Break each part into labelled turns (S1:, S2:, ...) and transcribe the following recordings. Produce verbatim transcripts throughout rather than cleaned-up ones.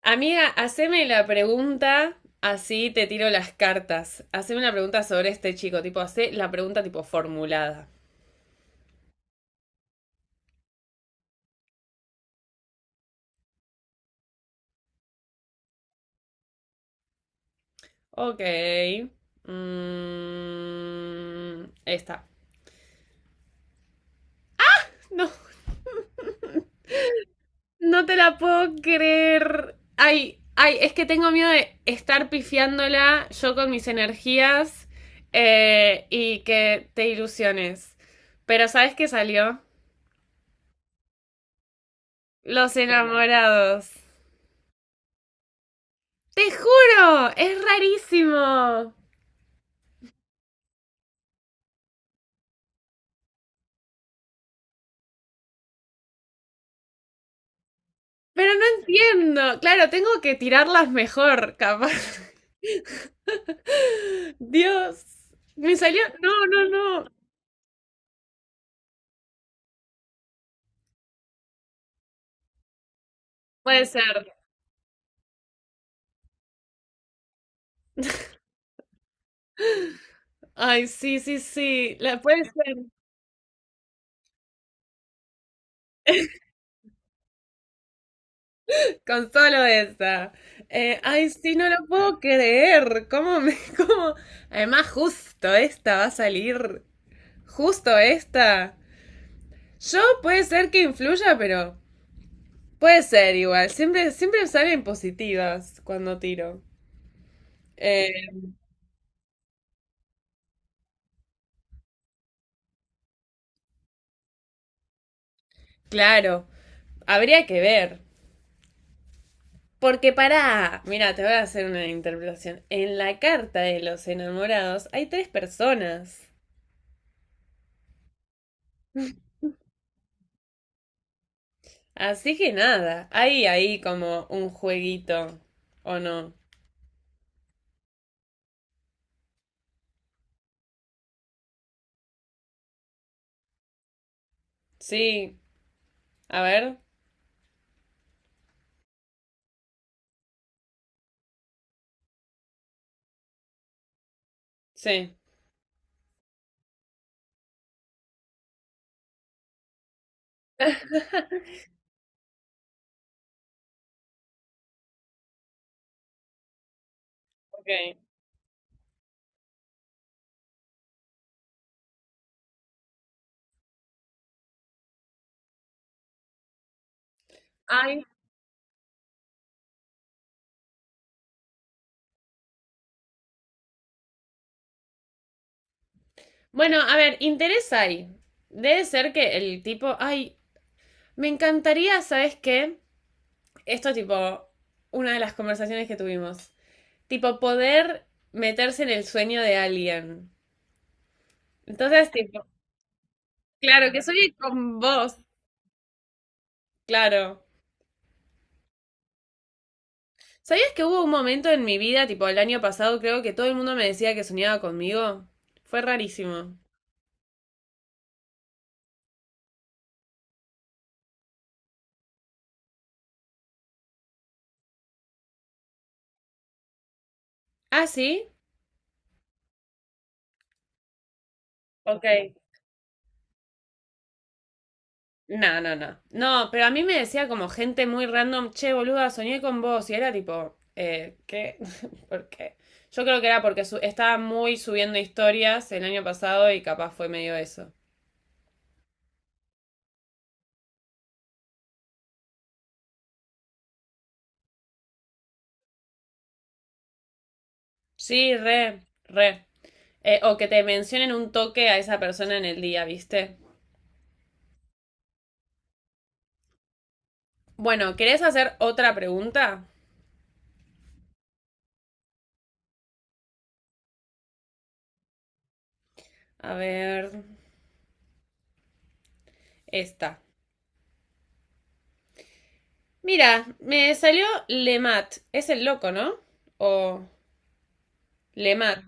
S1: Amiga, haceme la pregunta, así te tiro las cartas. Haceme una pregunta sobre este chico, tipo, hacé la pregunta tipo formulada. Ok. Mm, esta. No, no te la puedo creer. Ay, ay, es que tengo miedo de estar pifiándola yo con mis energías eh, y que te ilusiones. Pero ¿sabes qué salió? Los enamorados. Te juro, es rarísimo. Pero no entiendo. Claro, tengo que tirarlas mejor, capaz. Dios, me salió. No, no, no. Puede ser. Ay, sí, sí, sí. La puede ser. Con solo esa. Eh, ay, sí, no lo puedo creer. ¿Cómo me, cómo? Además, justo esta va a salir. Justo esta. Yo puede ser que influya, pero puede ser igual. Siempre, siempre salen positivas cuando tiro. Eh, claro. Habría que ver. Porque pará, mira, te voy a hacer una interpretación. En la carta de los enamorados hay tres personas. Así que nada, hay ahí como un jueguito, ¿o no? Sí, a ver, sí. Ok. Ay. Bueno, a ver, interés hay. Debe ser que el tipo, ay, me encantaría, ¿sabes qué? Esto tipo, una de las conversaciones que tuvimos. Tipo, poder meterse en el sueño de alguien. Entonces, tipo, claro, que soy con vos, claro. ¿Sabías que hubo un momento en mi vida, tipo el año pasado, creo que todo el mundo me decía que soñaba conmigo? Fue rarísimo. ¿Ah, sí? Ok. No, no, no. No, pero a mí me decía como gente muy random, che, boluda, soñé con vos. Y era tipo, eh, ¿qué? ¿Por qué? Yo creo que era porque su- estaba muy subiendo historias el año pasado y capaz fue medio eso. Sí, re, re. Eh, o que te mencionen un toque a esa persona en el día, ¿viste? Bueno, ¿querés hacer otra pregunta? A ver, esta. Mira, me salió Lemat. Es el loco, ¿no? O Lemat.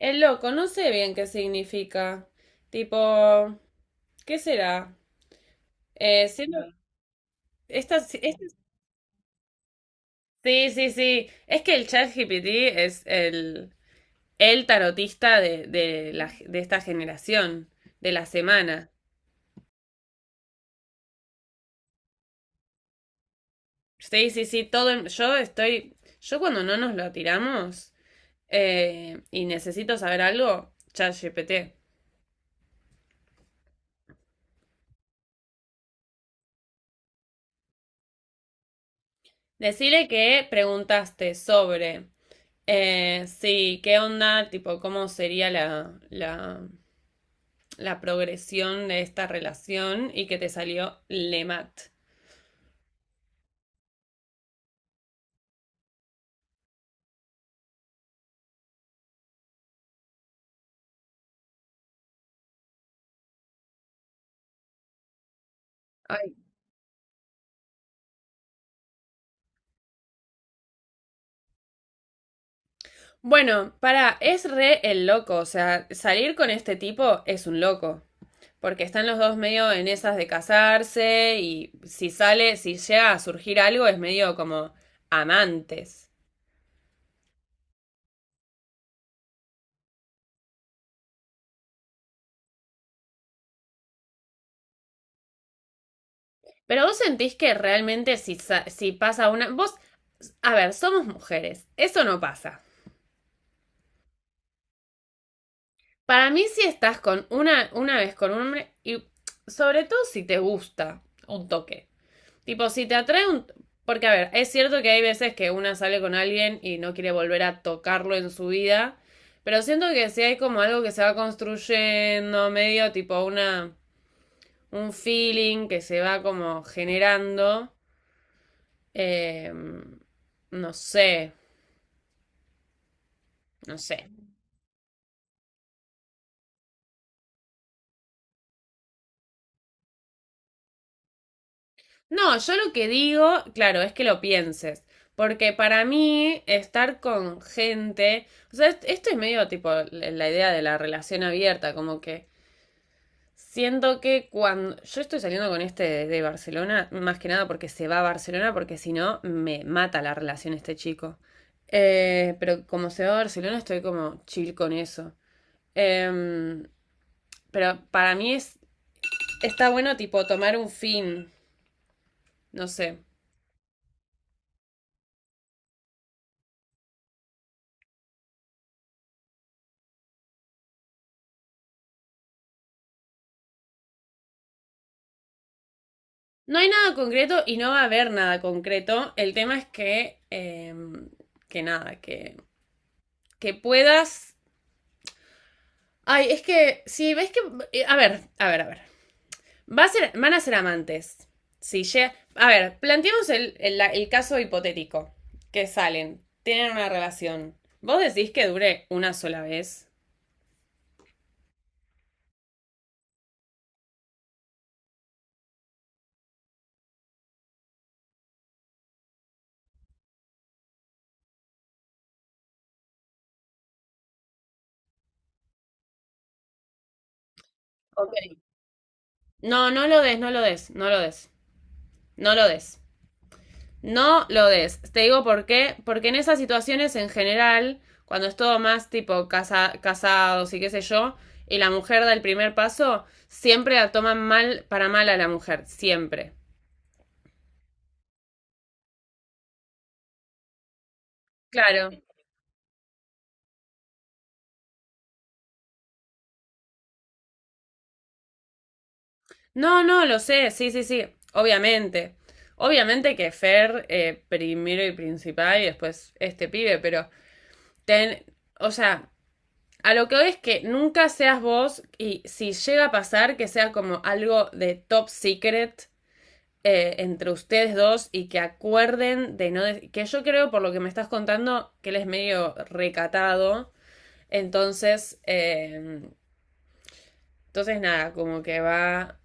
S1: El loco, no sé bien qué significa. Tipo, ¿qué será? Eh, siento- esta, esta- sí, sí, sí. Es que el chat G P T es el, el tarotista de, de, la, de esta generación, de la semana. Sí, sí, sí, todo. Yo estoy. Yo cuando no nos lo tiramos eh, y necesito saber algo, ChatGPT. Decirle que preguntaste sobre. Eh, sí, ¿qué onda? Tipo, ¿cómo sería la, la, la progresión de esta relación? Y que te salió Lemat. Ay. Bueno, para, es re el loco. O sea, salir con este tipo es un loco. Porque están los dos medio en esas de casarse y si sale, si llega a surgir algo es medio como amantes. Pero vos sentís que realmente si, si pasa una... Vos, a ver, somos mujeres, eso no pasa. Para mí si estás con una, una vez con un hombre y sobre todo si te gusta un toque. Tipo, si te atrae un... Porque, a ver, es cierto que hay veces que una sale con alguien y no quiere volver a tocarlo en su vida, pero siento que si hay como algo que se va construyendo, medio tipo una... un feeling que se va como generando, eh, no sé, no sé. No, yo lo que digo, claro, es que lo pienses. Porque para mí, estar con gente. O sea, esto es medio tipo la idea de la relación abierta, como que siento que cuando yo estoy saliendo con este desde Barcelona, más que nada porque se va a Barcelona, porque si no me mata la relación este chico. Eh, pero como se va a Barcelona, estoy como chill con eso. Em, pero para mí es, está bueno tipo tomar un fin, no sé. No hay nada concreto y no va a haber nada concreto. El tema es que, em, que nada, que, que puedas... Ay, es que si ves que... eh, a ver, a ver, a ver. Va a ser, van a ser amantes. Si llega- a ver, planteemos el, el- el caso hipotético. Que salen, tienen una relación. ¿Vos decís que dure una sola vez? Ok. No, no lo des, no lo des, no lo des, no lo des. No lo des. Te digo por qué. Porque en esas situaciones en general, cuando es todo más tipo casa, casados y qué sé yo, y la mujer da el primer paso, siempre la toman mal para mal a la mujer. Siempre. Claro. No, no, lo sé, sí, sí, sí, obviamente. Obviamente que Fer eh, primero y principal y después este pibe, pero ten, o sea, a lo que hoy es que nunca seas vos y si llega a pasar que sea como algo de top secret eh, entre ustedes dos y que acuerden de no, de- que yo creo por lo que me estás contando que él es medio recatado, entonces, eh, entonces nada, como que va.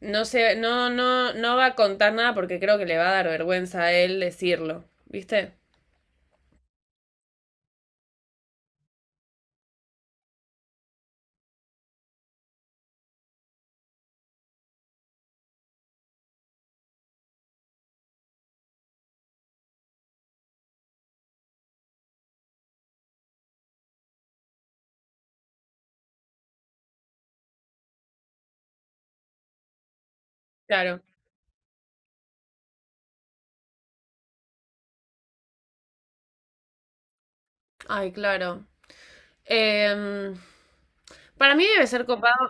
S1: No sé, no, no, no va a contar nada porque creo que le va a dar vergüenza a él decirlo, ¿viste? Claro. Ay, claro. Em, para mí debe ser copado.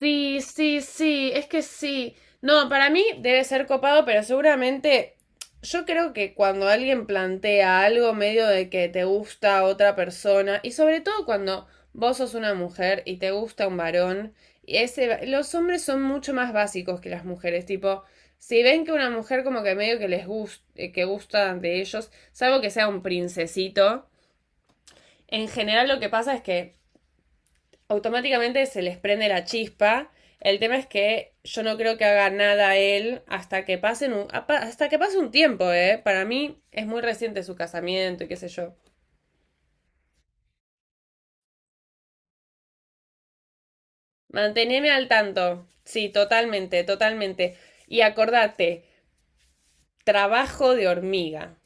S1: Sí, sí, sí, es que sí. No, para mí debe ser copado, pero seguramente yo creo que cuando alguien plantea algo medio de que te gusta otra persona, y sobre todo cuando vos sos una mujer y te gusta un varón, y ese, los hombres son mucho más básicos que las mujeres, tipo, si ven que una mujer como que medio que les gusta, que gusta de ellos, salvo que sea un princesito, en general lo que pasa es que automáticamente se les prende la chispa. El tema es que yo no creo que haga nada él hasta que pasen un, hasta que pase un tiempo, ¿eh? Para mí es muy reciente su casamiento y qué sé yo. Manteneme al tanto. Sí, totalmente, totalmente. Y acordate, trabajo de hormiga.